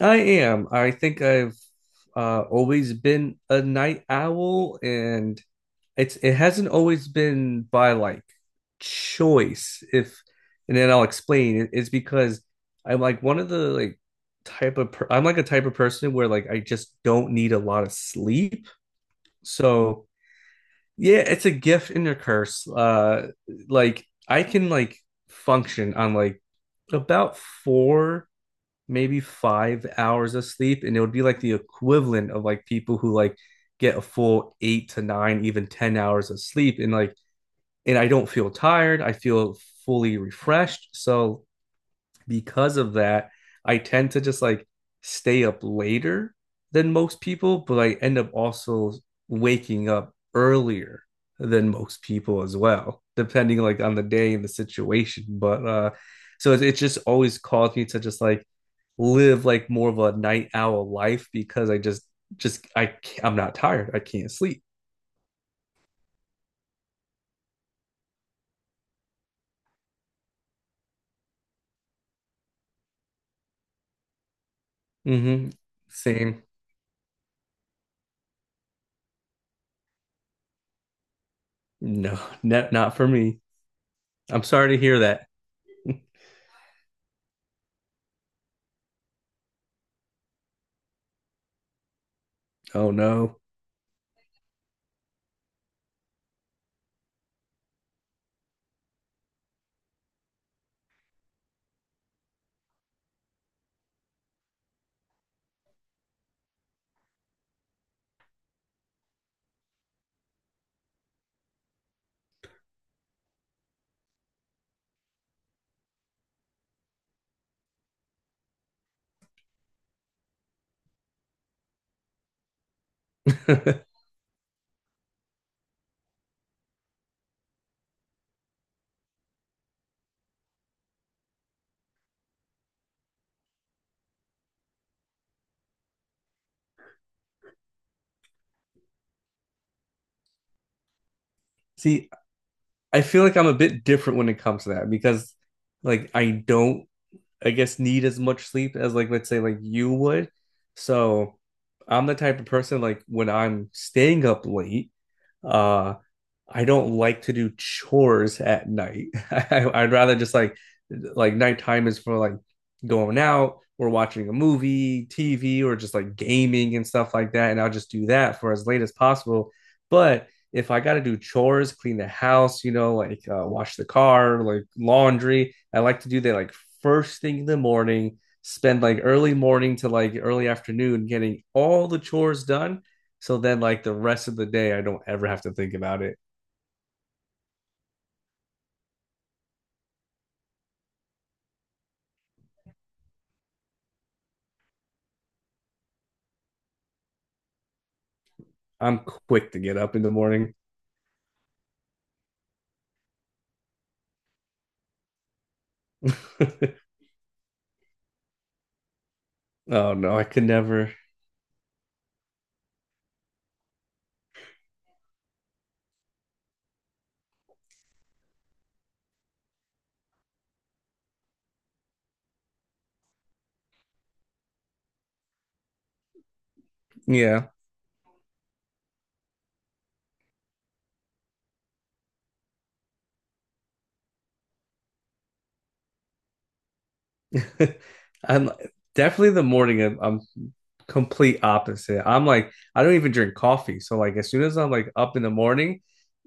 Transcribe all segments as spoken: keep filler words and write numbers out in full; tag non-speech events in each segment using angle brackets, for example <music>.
I am. I think I've uh, always been a night owl, and it's it hasn't always been by like choice. If And then I'll explain. It- It's because I'm like one of the like type of per I'm like a type of person where like I just don't need a lot of sleep. So yeah, it's a gift and a curse. Uh, like I can like function on like about four maybe five hours of sleep, and it would be like the equivalent of like people who like get a full eight to nine, even ten hours of sleep. And like, and I don't feel tired, I feel fully refreshed. So, because of that, I tend to just like stay up later than most people, but I end up also waking up earlier than most people as well, depending like on the day and the situation. But uh so it's, it's just always caused me to just like live like more of a night owl life because I just just I I'm not tired. I can't sleep. Mm-hmm. Same. No, not not for me. I'm sorry to hear that. Oh no. <laughs> See, I feel like I'm a bit different when it comes to that because like I don't I guess need as much sleep as like let's say like you would. So I'm the type of person like when I'm staying up late, uh I don't like to do chores at night. <laughs> I, I'd rather just like like nighttime is for like going out or watching a movie, T V, or just like gaming and stuff like that. And I'll just do that for as late as possible. But if I got to do chores, clean the house, you know, like uh, wash the car, like laundry, I like to do that like first thing in the morning, spend like early morning to like early afternoon getting all the chores done. So then, like the rest of the day, I don't ever have to think about it. I'm quick to get up in the morning. <laughs> Oh no, I could never. Yeah, <laughs> I'm definitely the morning. I'm, I'm complete opposite. I'm like I don't even drink coffee, so like as soon as I'm like up in the morning,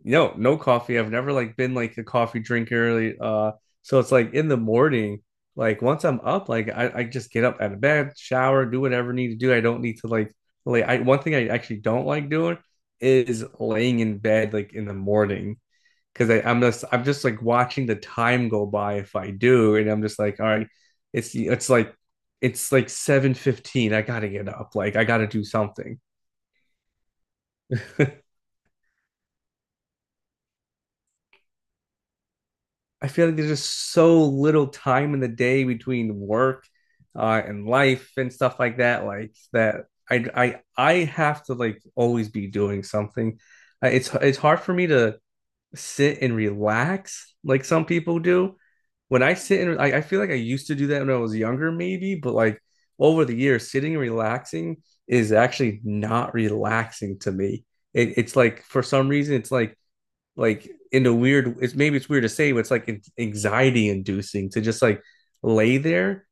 no, no coffee. I've never like been like a coffee drinker. Like, Uh, so it's like in the morning, like once I'm up, like I, I just get up out of bed, shower, do whatever I need to do. I don't need to like like I one thing I actually don't like doing is laying in bed like in the morning. Because I'm just I'm just like watching the time go by if I do, and I'm just like, all right, it's it's like it's like seven fifteen. I gotta get up. Like I gotta do something. <laughs> I feel like there's just so little time in the day between work uh, and life and stuff like that. Like that, I I I have to like always be doing something. Uh, It's it's hard for me to sit and relax like some people do. When I sit and I, I feel like I used to do that when I was younger, maybe, but like over the years, sitting and relaxing is actually not relaxing to me. It, it's like for some reason, it's like like in a weird, it's maybe it's weird to say, but it's like anxiety inducing to just like lay there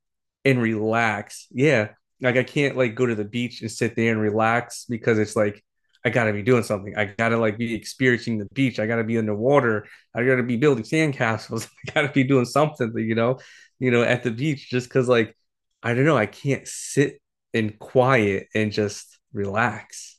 and relax. Yeah, like I can't like go to the beach and sit there and relax because it's like I gotta be doing something, I gotta like be experiencing the beach, I gotta be underwater, I gotta be building sandcastles, <laughs> I gotta be doing something you know you know At the beach, just because like I don't know, I can't sit in quiet and just relax.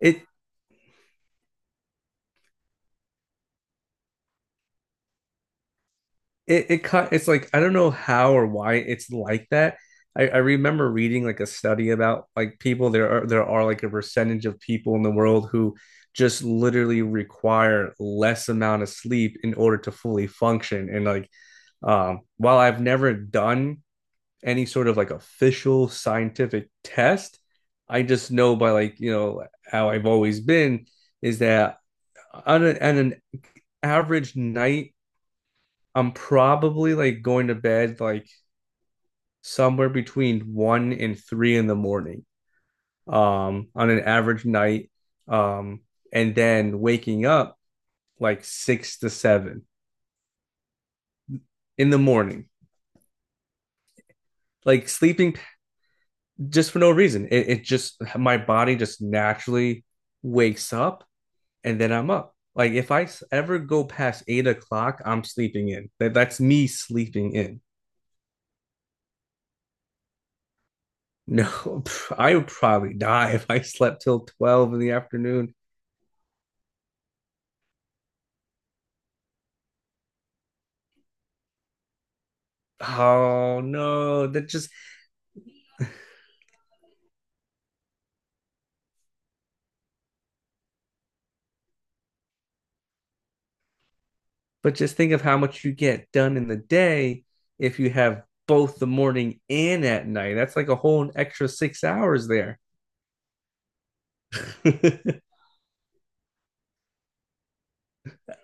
It it it cut it's like I don't know how or why it's like that. I, I remember reading like a study about like people there are there are like a percentage of people in the world who just literally require less amount of sleep in order to fully function. And like um while I've never done any sort of like official scientific test, I just know by like, you know, how I've always been, is that on, a, on an average night, I'm probably like going to bed like somewhere between one and three in the morning, um, on an average night, um, and then waking up like six to seven in the morning, like sleeping just for no reason. It, it just my body just naturally wakes up, and then I'm up. Like if I ever go past eight o'clock, I'm sleeping in. That that's me sleeping in. <laughs> No, I would probably die if I slept till twelve in the afternoon. Oh no, that just but just think of how much you get done in the day if you have both the morning and at night. That's like a whole extra six hours there. <laughs> I,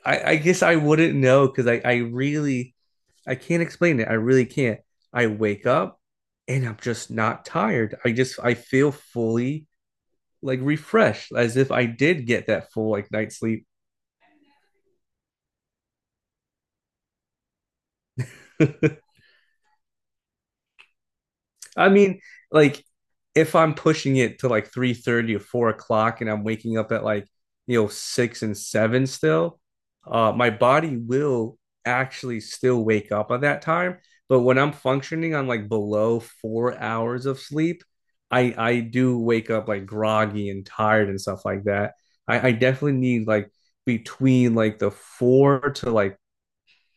I guess I wouldn't know because I, I really I can't explain it. I really can't. I wake up and I'm just not tired. I just I feel fully like refreshed as if I did get that full like night sleep. <laughs> I mean, like if I'm pushing it to like three thirty or four o'clock, and I'm waking up at like you know six and seven still, uh, my body will actually still wake up at that time. But when I'm functioning on like below four hours of sleep, I I do wake up like groggy and tired and stuff like that. I, I definitely need like between like the four to like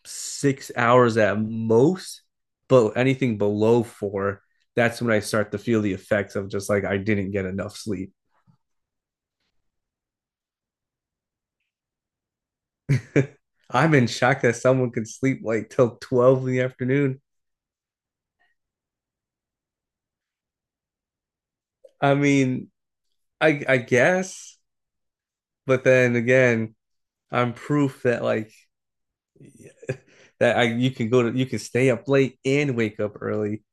six hours at most, but anything below four, that's when I start to feel the effects of just like I didn't get enough sleep. <laughs> I'm in shock that someone can sleep like till twelve in the afternoon. I mean, I I guess, but then again, I'm proof that like <laughs> that I you can go to you can stay up late and wake up early.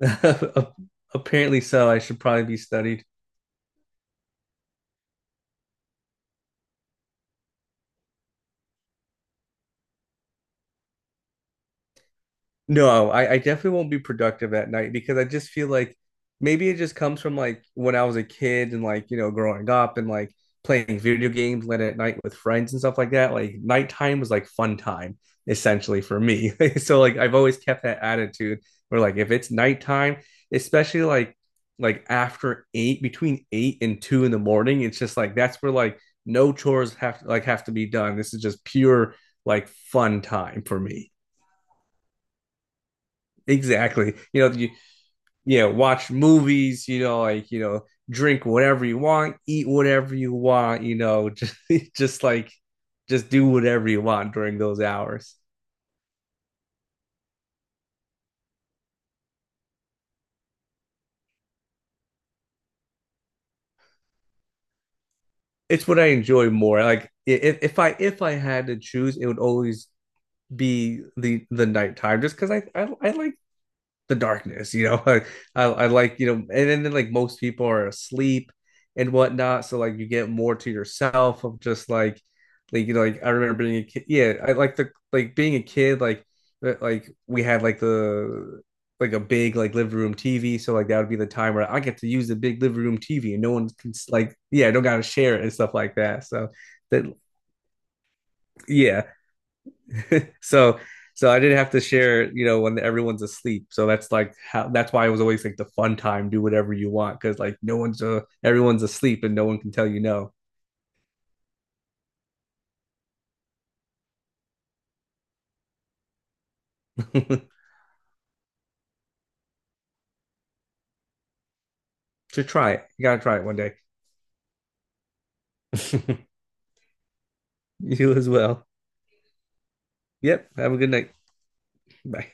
<laughs> Apparently so I should probably be studied. No, I, I definitely won't be productive at night because I just feel like maybe it just comes from like when I was a kid and like, you know, growing up and like playing video games late at night with friends and stuff like that. Like nighttime was like fun time essentially for me. <laughs> So like I've always kept that attitude where like if it's nighttime, especially like like after eight, between eight and two in the morning, it's just like that's where like no chores have like have to be done. This is just pure like fun time for me. Exactly. You know, you yeah, watch movies, you know, like, you know, drink whatever you want, eat whatever you want, you know, <laughs> just, just like just do whatever you want during those hours. It's what I enjoy more. Like if, if I if I had to choose, it would always be the the nighttime just because I, I I like the darkness. You know, <laughs> I, I, I like you know, and then, then like most people are asleep and whatnot, so like you get more to yourself of just like like you know like I remember being a kid. Yeah, I like the like being a kid like uh, like we had like the like a big like living room T V. So like that would be the time where I get to use the big living room T V and no one can like, yeah, don't gotta share it and stuff like that. So that yeah, so so I didn't have to share, you know, when everyone's asleep. So that's like how that's why it was always like the fun time, do whatever you want, because like no one's uh, everyone's asleep and no one can tell you no. <laughs> So try it. You gotta try it one day. <laughs> You as well. Yep. Have a good night. Bye.